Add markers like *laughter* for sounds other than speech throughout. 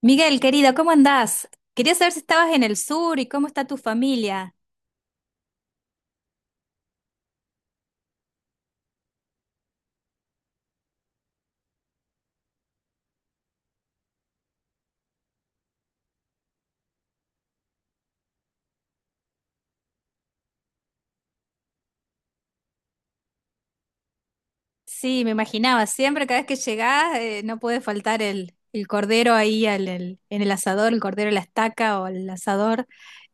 Miguel, querido, ¿cómo andás? Quería saber si estabas en el sur y cómo está tu familia. Sí, me imaginaba, siempre cada vez que llegás no puede faltar el cordero ahí en el asador, el cordero a la estaca o el asador,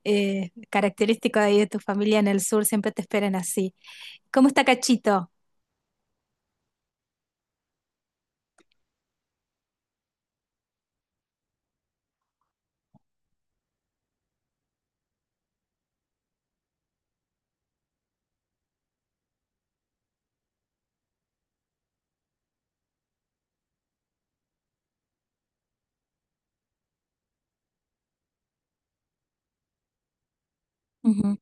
característico de ahí de tu familia en el sur, siempre te esperan así. ¿Cómo está Cachito? Ujú.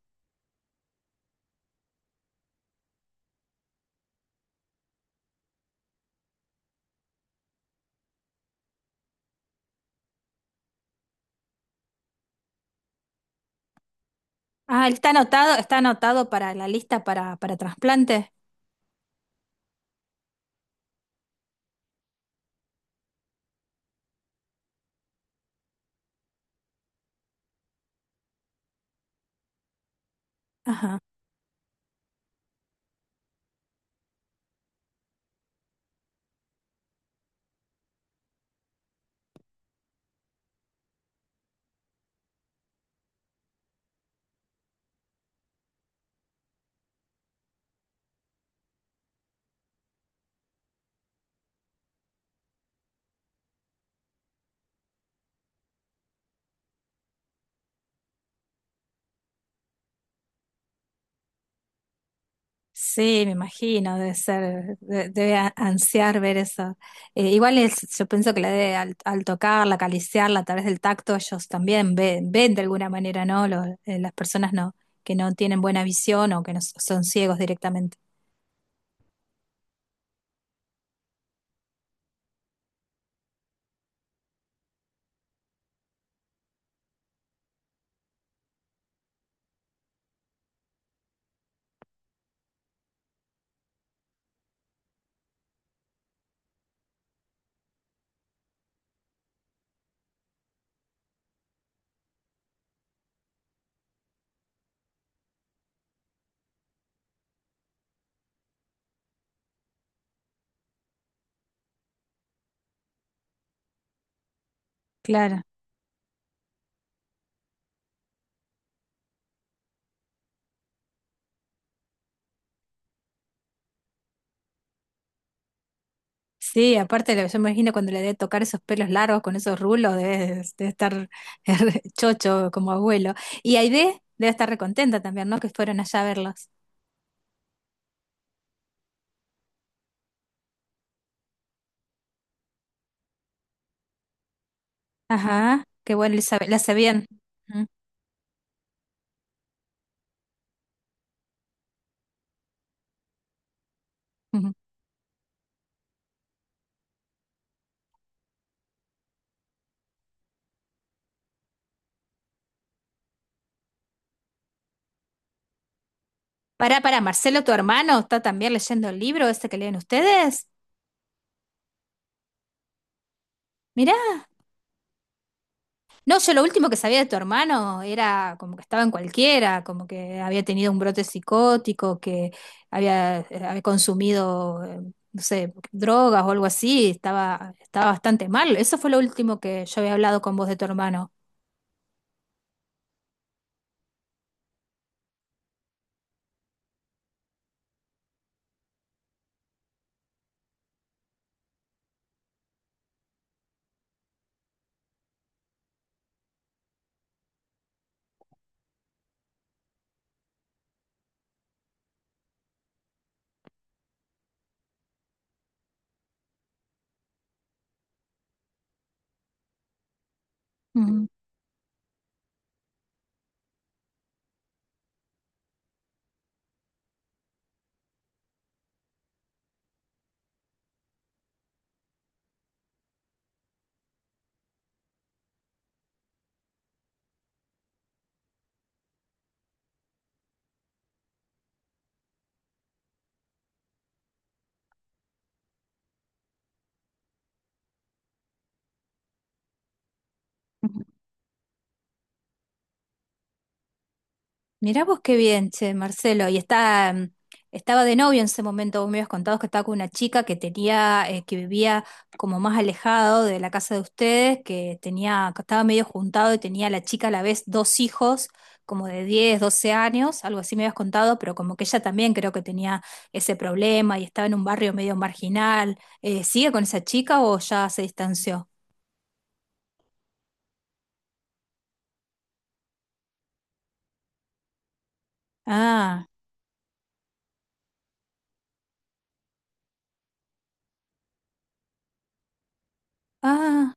Ah, ¿él está anotado para la lista para trasplante? Ajá. Sí, me imagino, debe ser, ansiar ver eso. Igual yo pienso que al tocarla, acariciarla a través del tacto, ellos también ven, ven de alguna manera, ¿no? Las personas no, que no tienen buena visión o que no s- son ciegos directamente. Claro. Sí, aparte yo me imagino cuando le debe tocar esos pelos largos con esos rulos, debe, debe estar *laughs* chocho como abuelo. Y Aide debe estar recontenta también, ¿no? Que fueron allá a verlos. Ajá, qué bueno, Elizabeth, la hace bien. Ujú. Pará, pará, Marcelo, tu hermano, está también leyendo el libro ese que leen ustedes. Mirá, no, yo lo último que sabía de tu hermano era como que estaba en cualquiera, como que había tenido un brote psicótico, que había, había consumido, no sé, drogas o algo así, estaba, estaba bastante mal. Eso fue lo último que yo había hablado con vos de tu hermano. Ujú. Mirá vos qué bien, che, Marcelo. Y está, estaba de novio en ese momento. Vos me habías contado que estaba con una chica que tenía, que vivía como más alejado de la casa de ustedes, que tenía, que estaba medio juntado y tenía la chica a la vez dos hijos, como de 10, 12 años, algo así me habías contado, pero como que ella también creo que tenía ese problema y estaba en un barrio medio marginal. ¿Sigue con esa chica o ya se distanció? Ah, ah.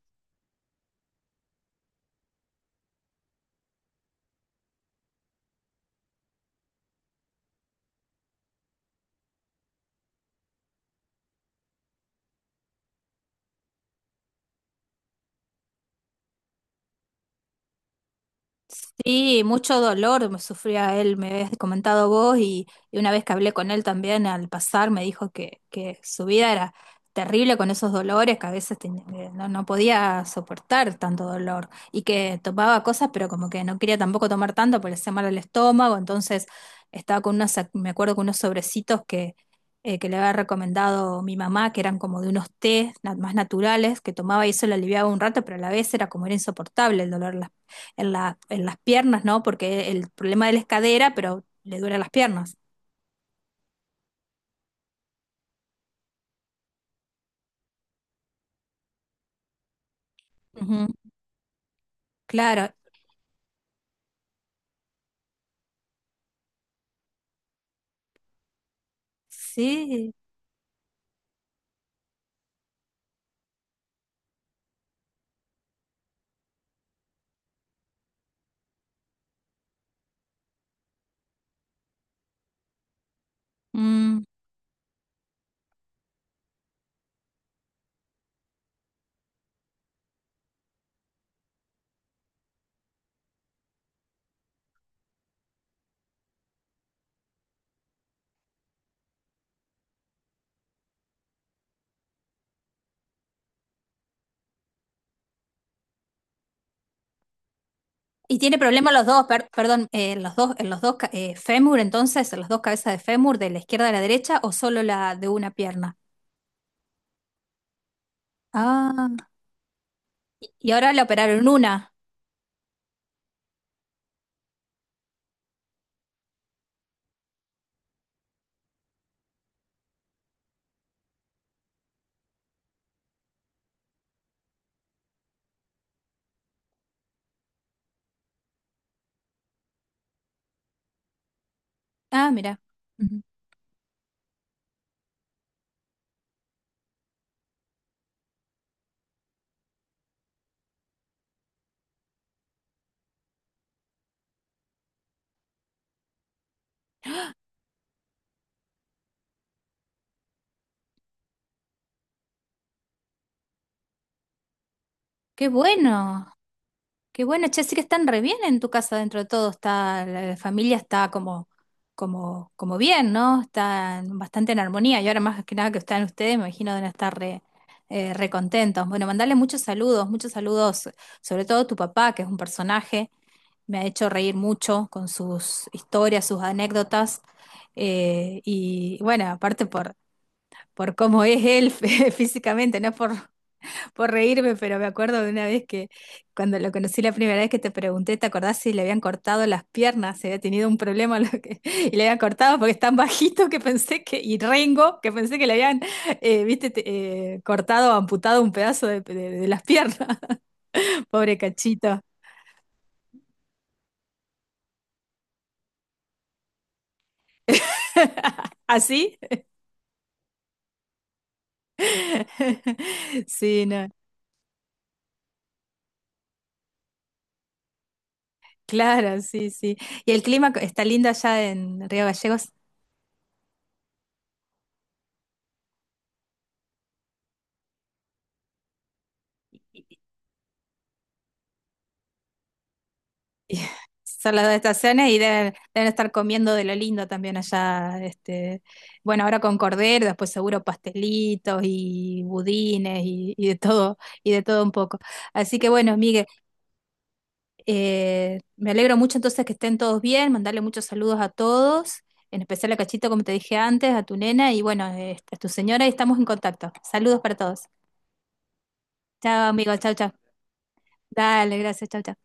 Sí, mucho dolor me sufría él, me habías comentado vos, y una vez que hablé con él también al pasar me dijo que su vida era terrible con esos dolores, que a veces no, no podía soportar tanto dolor, y que tomaba cosas, pero como que no quería tampoco tomar tanto porque le hacía mal al estómago, entonces estaba con unos, me acuerdo con unos sobrecitos que le había recomendado mi mamá, que eran como de unos tés más naturales, que tomaba y eso le aliviaba un rato, pero a la vez era como era insoportable el dolor en la, en las piernas, ¿no? Porque el problema de él es cadera, pero le duele las piernas. Ujú. Claro, sí. Mm. Y tiene problemas los dos, perdón, los dos, en los dos fémur, entonces, en las dos cabezas de fémur, de la izquierda a la derecha, o solo la de una pierna. Ah, y ahora le operaron una. Ah, mira. Ujú. Qué bueno. Qué bueno, che, sí que están re bien en tu casa dentro de todo, está, la familia está como, como, como bien, ¿no? Están bastante en armonía y ahora más que nada que están ustedes, me imagino deben estar re, re contentos. Bueno, mandarle muchos saludos, sobre todo a tu papá, que es un personaje, me ha hecho reír mucho con sus historias, sus anécdotas, y bueno, aparte por cómo es él *laughs* físicamente, no es por reírme, pero me acuerdo de una vez que cuando lo conocí la primera vez que te pregunté, ¿te acordás si le habían cortado las piernas? Se había tenido un problema *laughs* lo que, y le habían cortado porque es tan bajito que pensé que, y rengo, que pensé que le habían, viste, cortado o amputado un pedazo de, de las piernas. *laughs* Pobre cachito. *laughs* ¿Así? *laughs* Sí, no. Claro, sí, sí. ¿Y el clima está lindo allá en Río Gallegos? *laughs* Y son las dos estaciones y deben, deben estar comiendo de lo lindo también allá. Este, bueno, ahora con cordero, después seguro pastelitos y budines y de todo un poco. Así que bueno, Miguel, me alegro mucho entonces que estén todos bien, mandarle muchos saludos a todos, en especial a Cachito, como te dije antes, a tu nena y bueno, este, a tu señora y estamos en contacto. Saludos para todos. Chao, amigos, chao, chao. Dale, gracias, chao, chao.